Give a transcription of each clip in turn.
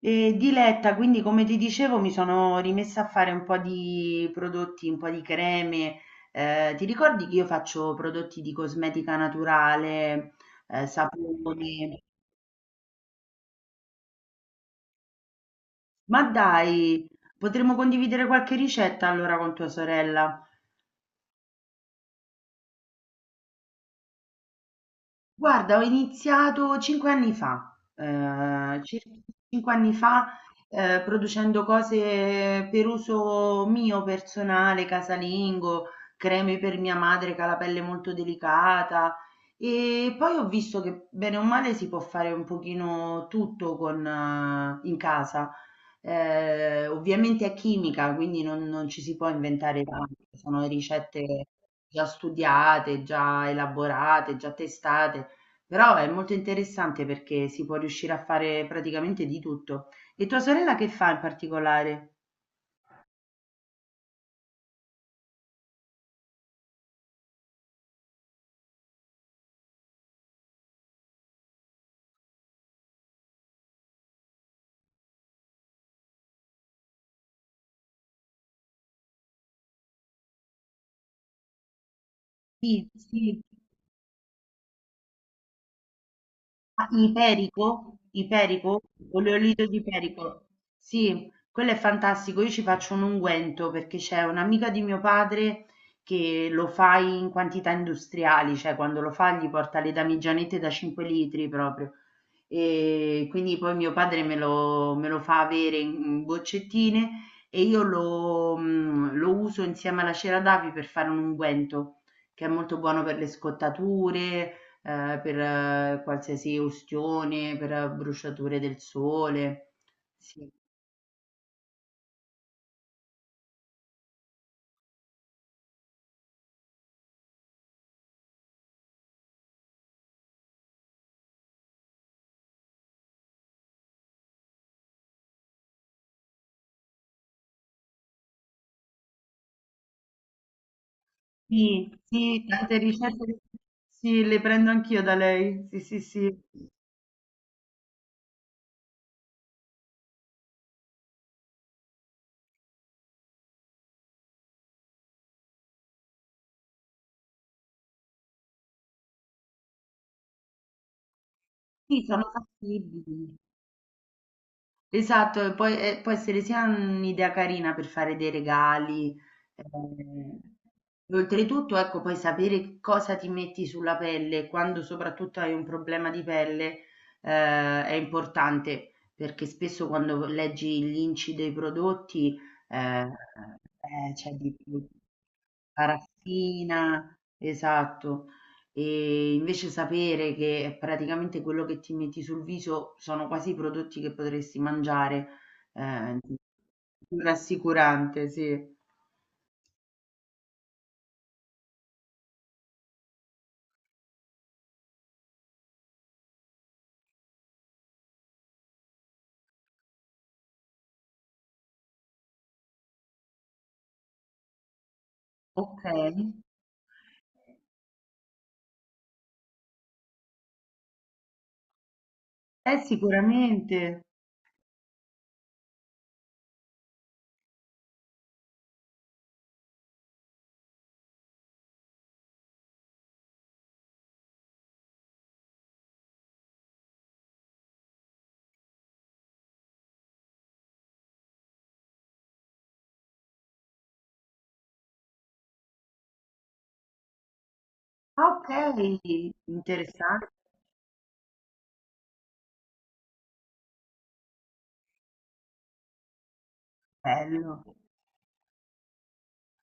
E diletta, quindi come ti dicevo mi sono rimessa a fare un po' di prodotti, un po' di creme. Ti ricordi che io faccio prodotti di cosmetica naturale, saponi? Ma dai, potremmo condividere qualche ricetta allora con tua sorella. Guarda, ho iniziato 5 anni fa, circa 5 anni fa, producendo cose per uso mio personale, casalingo, creme per mia madre che ha la pelle molto delicata e poi ho visto che bene o male si può fare un pochino tutto con in casa. Ovviamente è chimica, quindi non ci si può inventare tanto, sono ricette già studiate, già elaborate, già testate. Però è molto interessante perché si può riuscire a fare praticamente di tutto. E tua sorella che fa in particolare? Sì, sì. Ah, Iperico? Iperico? Oleolito di Iperico. Sì, quello è fantastico. Io ci faccio un unguento perché c'è un'amica di mio padre che lo fa in quantità industriali, cioè quando lo fa gli porta le damigianette da 5 litri proprio. E quindi poi mio padre me lo fa avere in boccettine e io lo uso insieme alla cera d'api per fare un unguento che è molto buono per le scottature, per qualsiasi ustione, per bruciature del sole. Sì. Sì, sì, tante ricette, sì, le prendo anch'io da lei. Sì, sì, sì. Sì, sono fattibili. Esatto, e poi e può essere sia un'idea carina per fare dei regali. ehm, Oltretutto, ecco, puoi sapere che cosa ti metti sulla pelle quando soprattutto hai un problema di pelle, è importante perché spesso quando leggi gli inci dei prodotti, c'è di più paraffina, esatto. E invece sapere che praticamente quello che ti metti sul viso sono quasi i prodotti che potresti mangiare, ehm, rassicurante, sì. Okay. Sicuramente. Ah, okay, interessante, bello.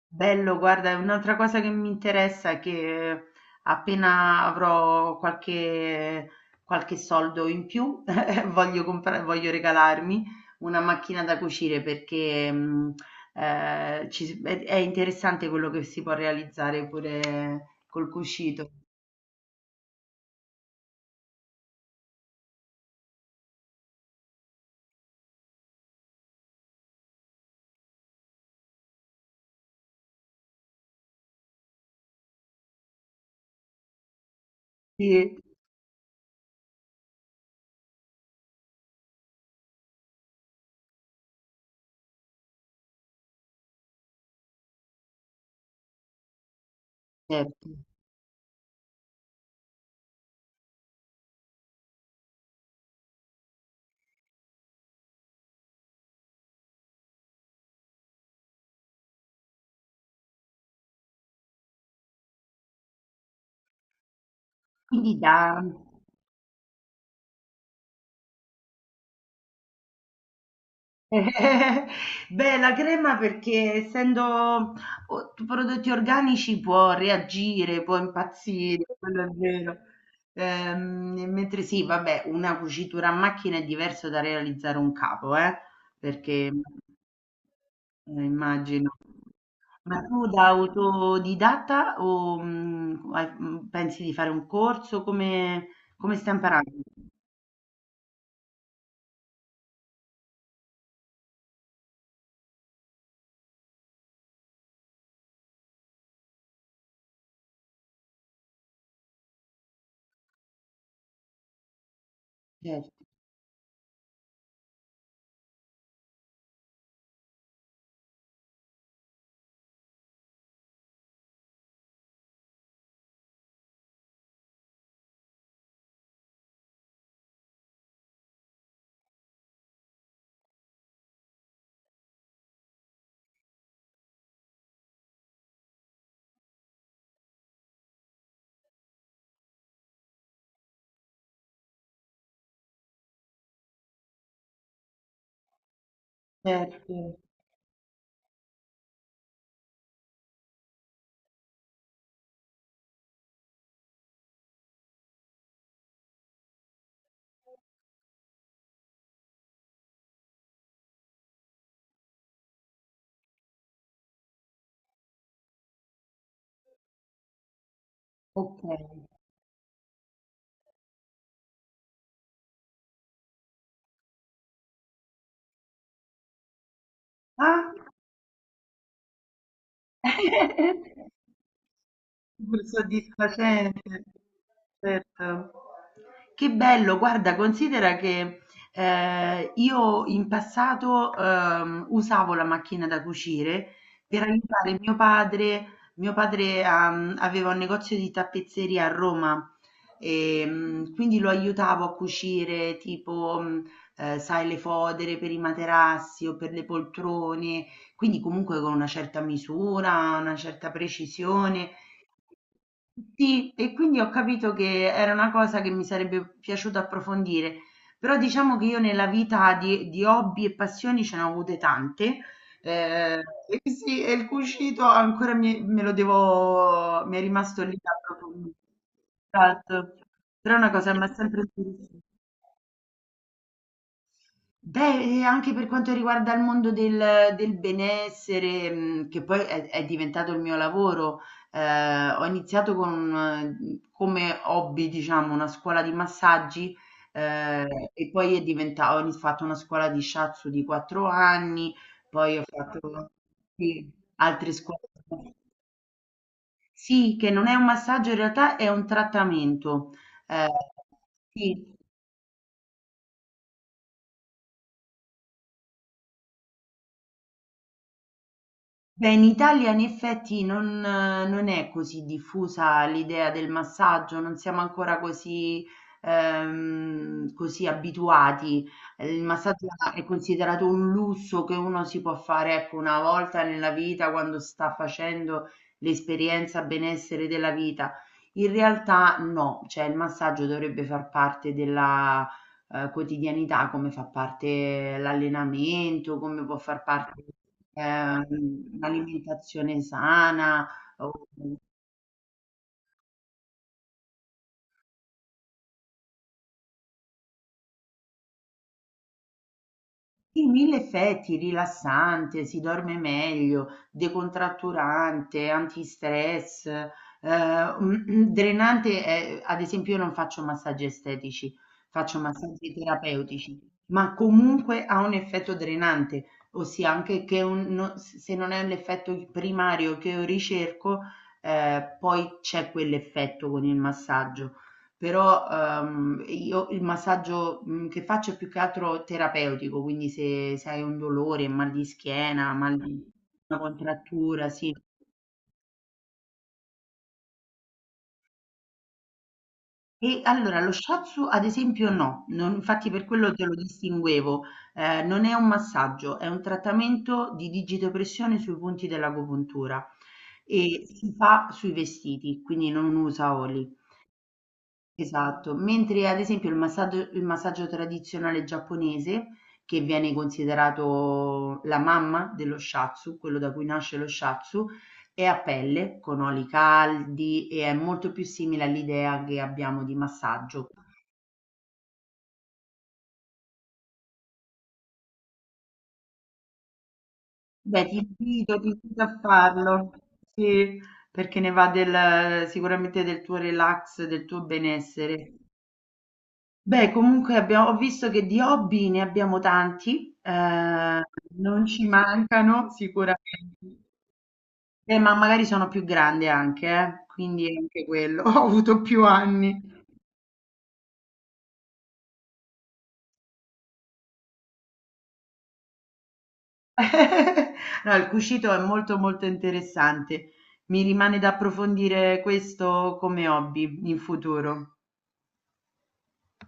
Bello, guarda, è un'altra cosa che mi interessa è che appena avrò qualche soldo in più, voglio comprare, voglio regalarmi una macchina da cucire perché è interessante quello che si può realizzare pure col cucito. Sì, certo. Quindi da... Beh, la crema perché essendo prodotti organici può reagire, può impazzire, quello è vero. Mentre sì, vabbè, una cucitura a macchina è diverso da realizzare un capo, eh? Perché immagino. Ma tu da autodidatta o pensi di fare un corso? Come, come stai imparando? Certo, certo. Ok. Ah? Super soddisfacente, certo. Che bello, guarda, considera che io in passato usavo la macchina da cucire per aiutare mio padre. Mio padre aveva un negozio di tappezzeria a Roma e quindi lo aiutavo a cucire tipo, sai, le fodere per i materassi o per le poltrone, quindi comunque con una certa misura, una certa precisione. Sì, e quindi ho capito che era una cosa che mi sarebbe piaciuto approfondire, però diciamo che io nella vita di hobby e passioni ce ne ho avute tante, eh, e sì, e il cucito ancora mi è rimasto lì da approfondire. Esatto. Però è una cosa che mi ha sempre interessato. Beh, e anche per quanto riguarda il mondo del benessere, mhmm, che poi è diventato il mio lavoro, ho iniziato con come hobby, diciamo, una scuola di massaggi, okay, e poi è diventa ho ini fatto una scuola di shiatsu di 4 anni, poi ho fatto, sì, altre scuole, sì, che non è un massaggio, in realtà è un trattamento. Ehm, sì. Beh, in Italia in effetti non è così diffusa l'idea del massaggio, non siamo ancora così così abituati. Il massaggio è considerato un lusso che uno si può fare, ecco, 1 volta nella vita quando sta facendo l'esperienza benessere della vita. In realtà no, cioè il massaggio dovrebbe far parte della quotidianità, come fa parte l'allenamento, come può far parte, l'alimentazione sana o sì, mille effetti, rilassante, si dorme meglio, decontratturante, antistress, drenante. Eh, ad esempio, io non faccio massaggi estetici, faccio massaggi terapeutici, ma comunque ha un effetto drenante, ossia anche che un- no- se non è l'effetto primario che io ricerco, poi c'è quell'effetto con il massaggio. Però, io il massaggio, mhmm, che faccio è più che altro terapeutico, quindi se hai un dolore, mal di schiena, mal di una contrattura, sì. E allora lo shiatsu ad esempio no, non infatti per quello te lo distinguevo. Non è un massaggio, è un trattamento di digitopressione sui punti dell'agopuntura e si fa sui vestiti, quindi non usa oli. Esatto, mentre ad esempio il massaggio tradizionale giapponese, che viene considerato la mamma dello shiatsu, quello da cui nasce lo shiatsu, è a pelle, con oli caldi e è molto più simile all'idea che abbiamo di massaggio. Beh, ti invito a farlo, sì, perché ne va del, sicuramente del tuo relax, del tuo benessere. Beh, comunque abbia ho visto che di hobby ne abbiamo tanti, non ci mancano sicuramente. Ma magari sono più grande anche, quindi anche quello, ho avuto più anni. No, il cucito è molto molto interessante, mi rimane da approfondire questo come hobby in futuro.